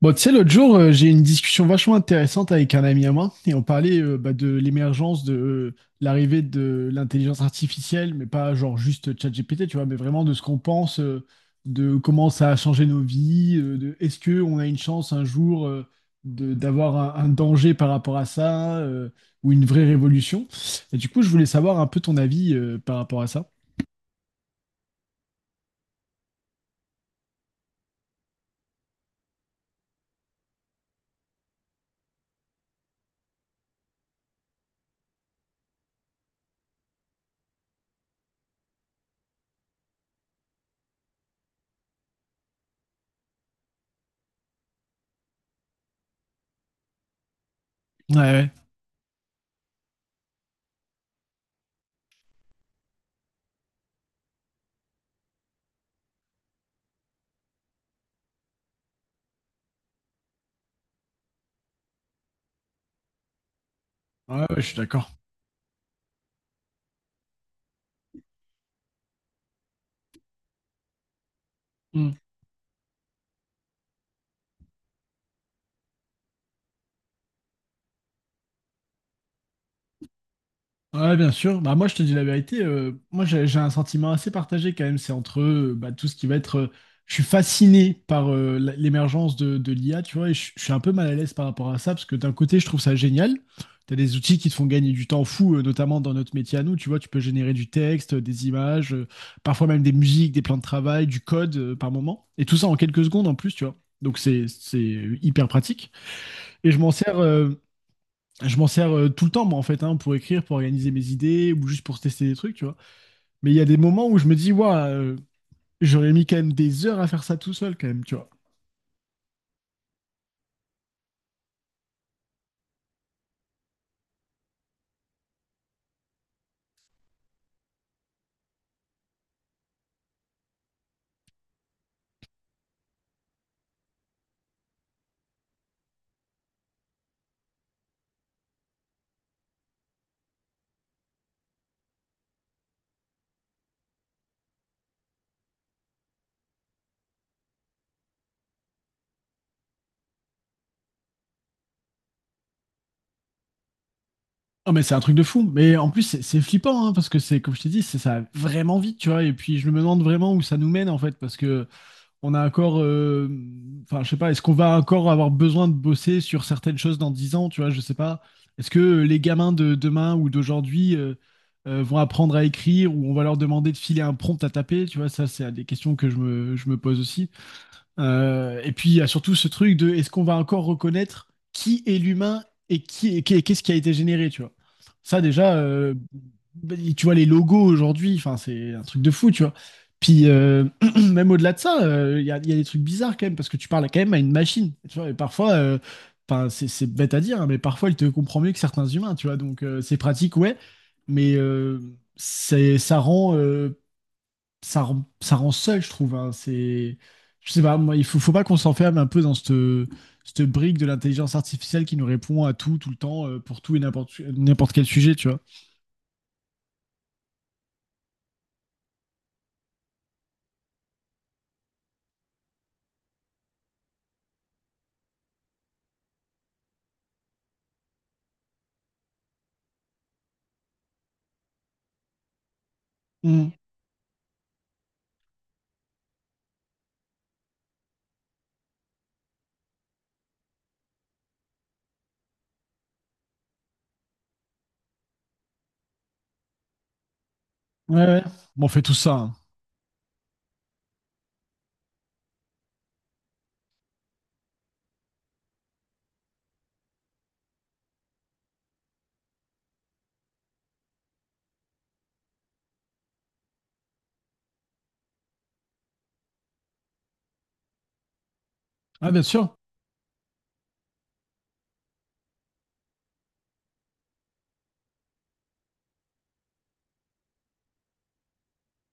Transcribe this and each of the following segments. Bon, tu sais, l'autre jour, j'ai eu une discussion vachement intéressante avec un ami à moi et on parlait bah, de l'émergence de l'arrivée de l'intelligence artificielle, mais pas genre juste ChatGPT, tu vois, mais vraiment de ce qu'on pense, de comment ça a changé nos vies, de est-ce que on a une chance un jour de d'avoir un danger par rapport à ça, ou une vraie révolution. Et du coup, je voulais savoir un peu ton avis par rapport à ça. Ouais, ouais, ouais, ouais, je suis d'accord. Ouais, bien sûr. Bah, moi, je te dis la vérité. Moi, j'ai un sentiment assez partagé quand même. C'est entre bah, tout ce qui va être. Je suis fasciné par l'émergence de l'IA, tu vois, et je suis un peu mal à l'aise par rapport à ça, parce que d'un côté, je trouve ça génial. Tu as des outils qui te font gagner du temps fou, notamment dans notre métier à nous. Tu vois, tu peux générer du texte, des images, parfois même des musiques, des plans de travail, du code par moment. Et tout ça en quelques secondes en plus, tu vois. Donc, c'est hyper pratique. Et je m'en sers, tout le temps, moi, en fait, hein, pour écrire, pour organiser mes idées ou juste pour tester des trucs, tu vois. Mais il y a des moments où je me dis, ouais, j'aurais mis quand même des heures à faire ça tout seul, quand même, tu vois. Ah mais c'est un truc de fou. Mais en plus, c'est flippant, hein, parce que c'est, comme je t'ai dit, c'est ça va vraiment vite, tu vois. Et puis, je me demande vraiment où ça nous mène, en fait, parce que on a encore, enfin, je sais pas, est-ce qu'on va encore avoir besoin de bosser sur certaines choses dans 10 ans, tu vois, je sais pas. Est-ce que les gamins de demain ou d'aujourd'hui vont apprendre à écrire ou on va leur demander de filer un prompt à taper, tu vois, ça, c'est des questions que je me pose aussi. Et puis il y a surtout ce truc de est-ce qu'on va encore reconnaître qui est l'humain et qui et qu'est-ce qui a été généré, tu vois. Ça déjà, bah, tu vois les logos aujourd'hui, enfin c'est un truc de fou, tu vois. Puis même au-delà de ça, il y a des trucs bizarres quand même parce que tu parles quand même à une machine, tu vois. Et parfois, enfin c'est bête à dire, hein, mais parfois elle te comprend mieux que certains humains, tu vois. Donc c'est pratique, ouais, mais c'est ça rend ça rend, ça rend seul, je trouve, hein. C'est, je sais pas, moi, il faut pas qu'on s'enferme un peu dans cette brique de l'intelligence artificielle qui nous répond à tout, tout le temps, pour tout et n'importe quel sujet, tu vois. Mm. Ouais, ouais. Bon, on fait tout ça, hein. Ah, bien sûr.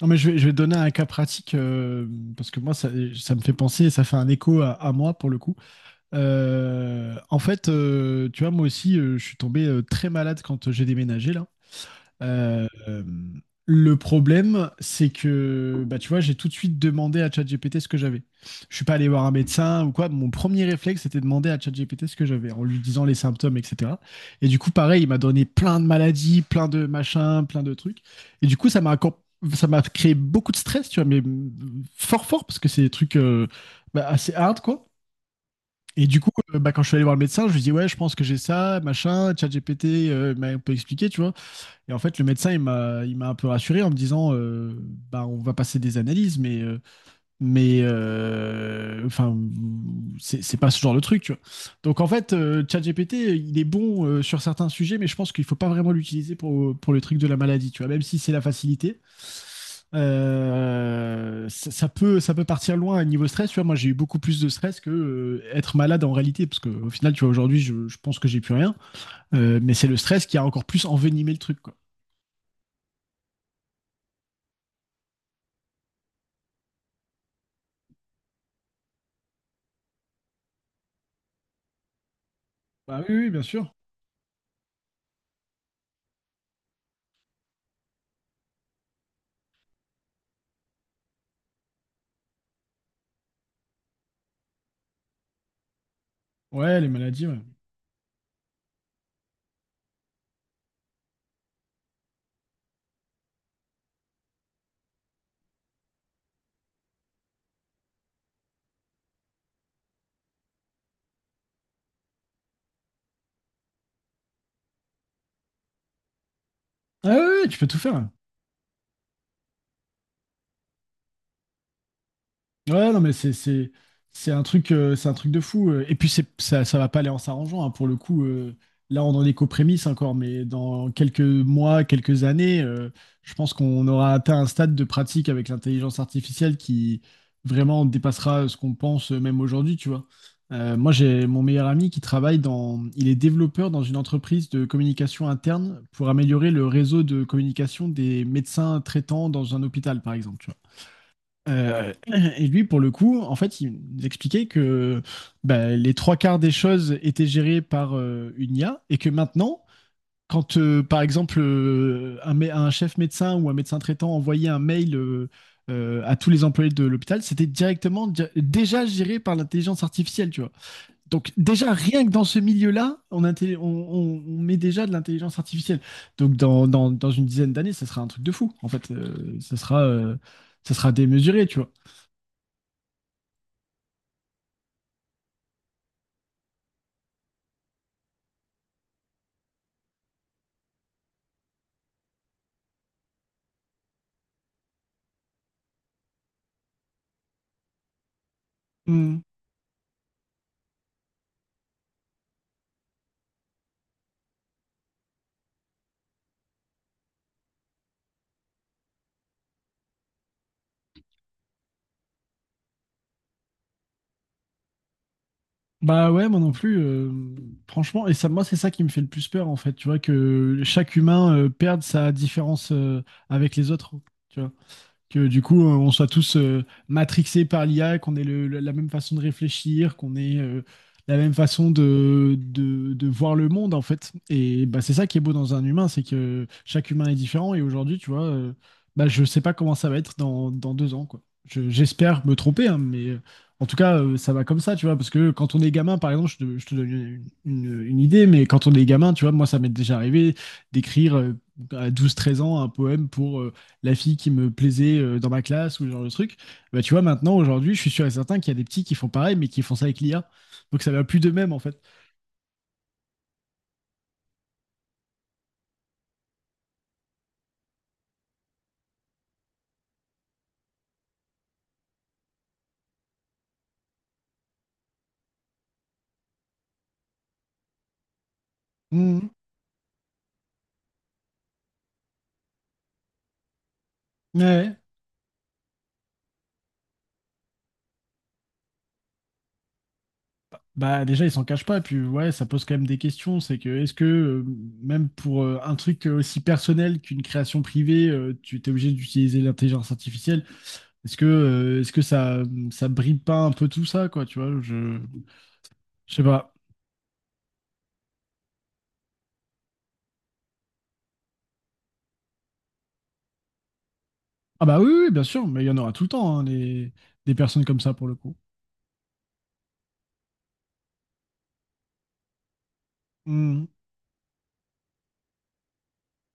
Non, mais je vais te donner un cas pratique, parce que moi, ça me fait penser, ça fait un écho à moi pour le coup. En fait, tu vois, moi aussi, je suis tombé très malade quand j'ai déménagé là. Euh, euh, le problème, c'est que, bah, tu vois, j'ai tout de suite demandé à ChatGPT ce que j'avais. Je suis pas allé voir un médecin ou quoi. Mon premier réflexe, c'était de demander à ChatGPT ce que j'avais, en lui disant les symptômes, etc. Et du coup, pareil, il m'a donné plein de maladies, plein de machins, plein de trucs. Et du coup, ça m'a créé beaucoup de stress, tu vois, mais fort fort parce que c'est des trucs bah, assez hard, quoi. Et du coup, bah, quand je suis allé voir le médecin, je lui dis ouais, je pense que j'ai ça, machin, ChatGPT m'a un peu expliqué, tu vois. Et en fait, le médecin, il m'a un peu rassuré en me disant, bah, on va passer des analyses, mais enfin c'est pas ce genre de truc, tu vois. Donc en fait, ChatGPT il est bon sur certains sujets, mais je pense qu'il faut pas vraiment l'utiliser pour le truc de la maladie, tu vois, même si c'est la facilité. Ça peut partir loin à niveau stress, tu vois. Moi, j'ai eu beaucoup plus de stress que être malade en réalité, parce que au final, tu vois, aujourd'hui, je pense que j'ai plus rien. Mais c'est le stress qui a encore plus envenimé le truc, quoi. Bah oui, oui, bien sûr. Ouais, les maladies, ouais. Ah ouais, ouais, tu peux tout faire. Ouais, non, mais c'est un truc de fou. Et puis c'est ça ça va pas aller en s'arrangeant, hein, pour le coup. Là, on en est qu'aux prémices encore, mais dans quelques mois, quelques années, je pense qu'on aura atteint un stade de pratique avec l'intelligence artificielle qui vraiment dépassera ce qu'on pense même aujourd'hui, tu vois. Moi, j'ai mon meilleur ami qui travaille dans, il est développeur dans une entreprise de communication interne pour améliorer le réseau de communication des médecins traitants dans un hôpital, par exemple. Euh, et lui, pour le coup, en fait, il nous expliquait que bah, les trois quarts des choses étaient gérées par une IA et que maintenant, quand par exemple un chef médecin ou un médecin traitant envoyait un mail à tous les employés de l'hôpital, c'était directement déjà géré par l'intelligence artificielle, tu vois. Donc déjà, rien que dans ce milieu-là, on, inté- on met déjà de l'intelligence artificielle. Donc dans, dans une dizaine d'années, ça sera un truc de fou. En fait, ça sera démesuré, tu vois. Hmm. Bah ouais, moi non plus. Franchement, et ça, moi, c'est ça qui me fait le plus peur, en fait. Tu vois, que chaque humain perde sa différence avec les autres. Que du coup, on soit tous matrixés par l'IA, qu'on ait la même façon de réfléchir, qu'on ait la même façon de voir le monde, en fait. Et bah, c'est ça qui est beau dans un humain, c'est que chaque humain est différent. Et aujourd'hui, tu vois, bah, je sais pas comment ça va être dans 2 ans, quoi. J'espère me tromper, hein, mais en tout cas, ça va comme ça, tu vois. Parce que quand on est gamin, par exemple, je te donne une, une idée, mais quand on est gamin, tu vois, moi, ça m'est déjà arrivé d'écrire à 12 13 ans un poème pour la fille qui me plaisait dans ma classe ou ce genre de truc. Bah, tu vois, maintenant, aujourd'hui, je suis sûr et certain qu'il y a des petits qui font pareil, mais qui font ça avec l'IA. Donc ça va plus de même, en fait. Mhm. Ouais. Bah, déjà, ils s'en cachent pas. Puis, ouais, ça pose quand même des questions. C'est que, est-ce que, même pour un truc aussi personnel qu'une création privée, tu t'es obligé d'utiliser l'intelligence artificielle? Est-ce que ça bride pas un peu tout ça, quoi, tu vois, je sais pas. Ah bah oui, oui, bien sûr, mais il y en aura tout le temps, hein, des personnes comme ça, pour le coup. Mmh.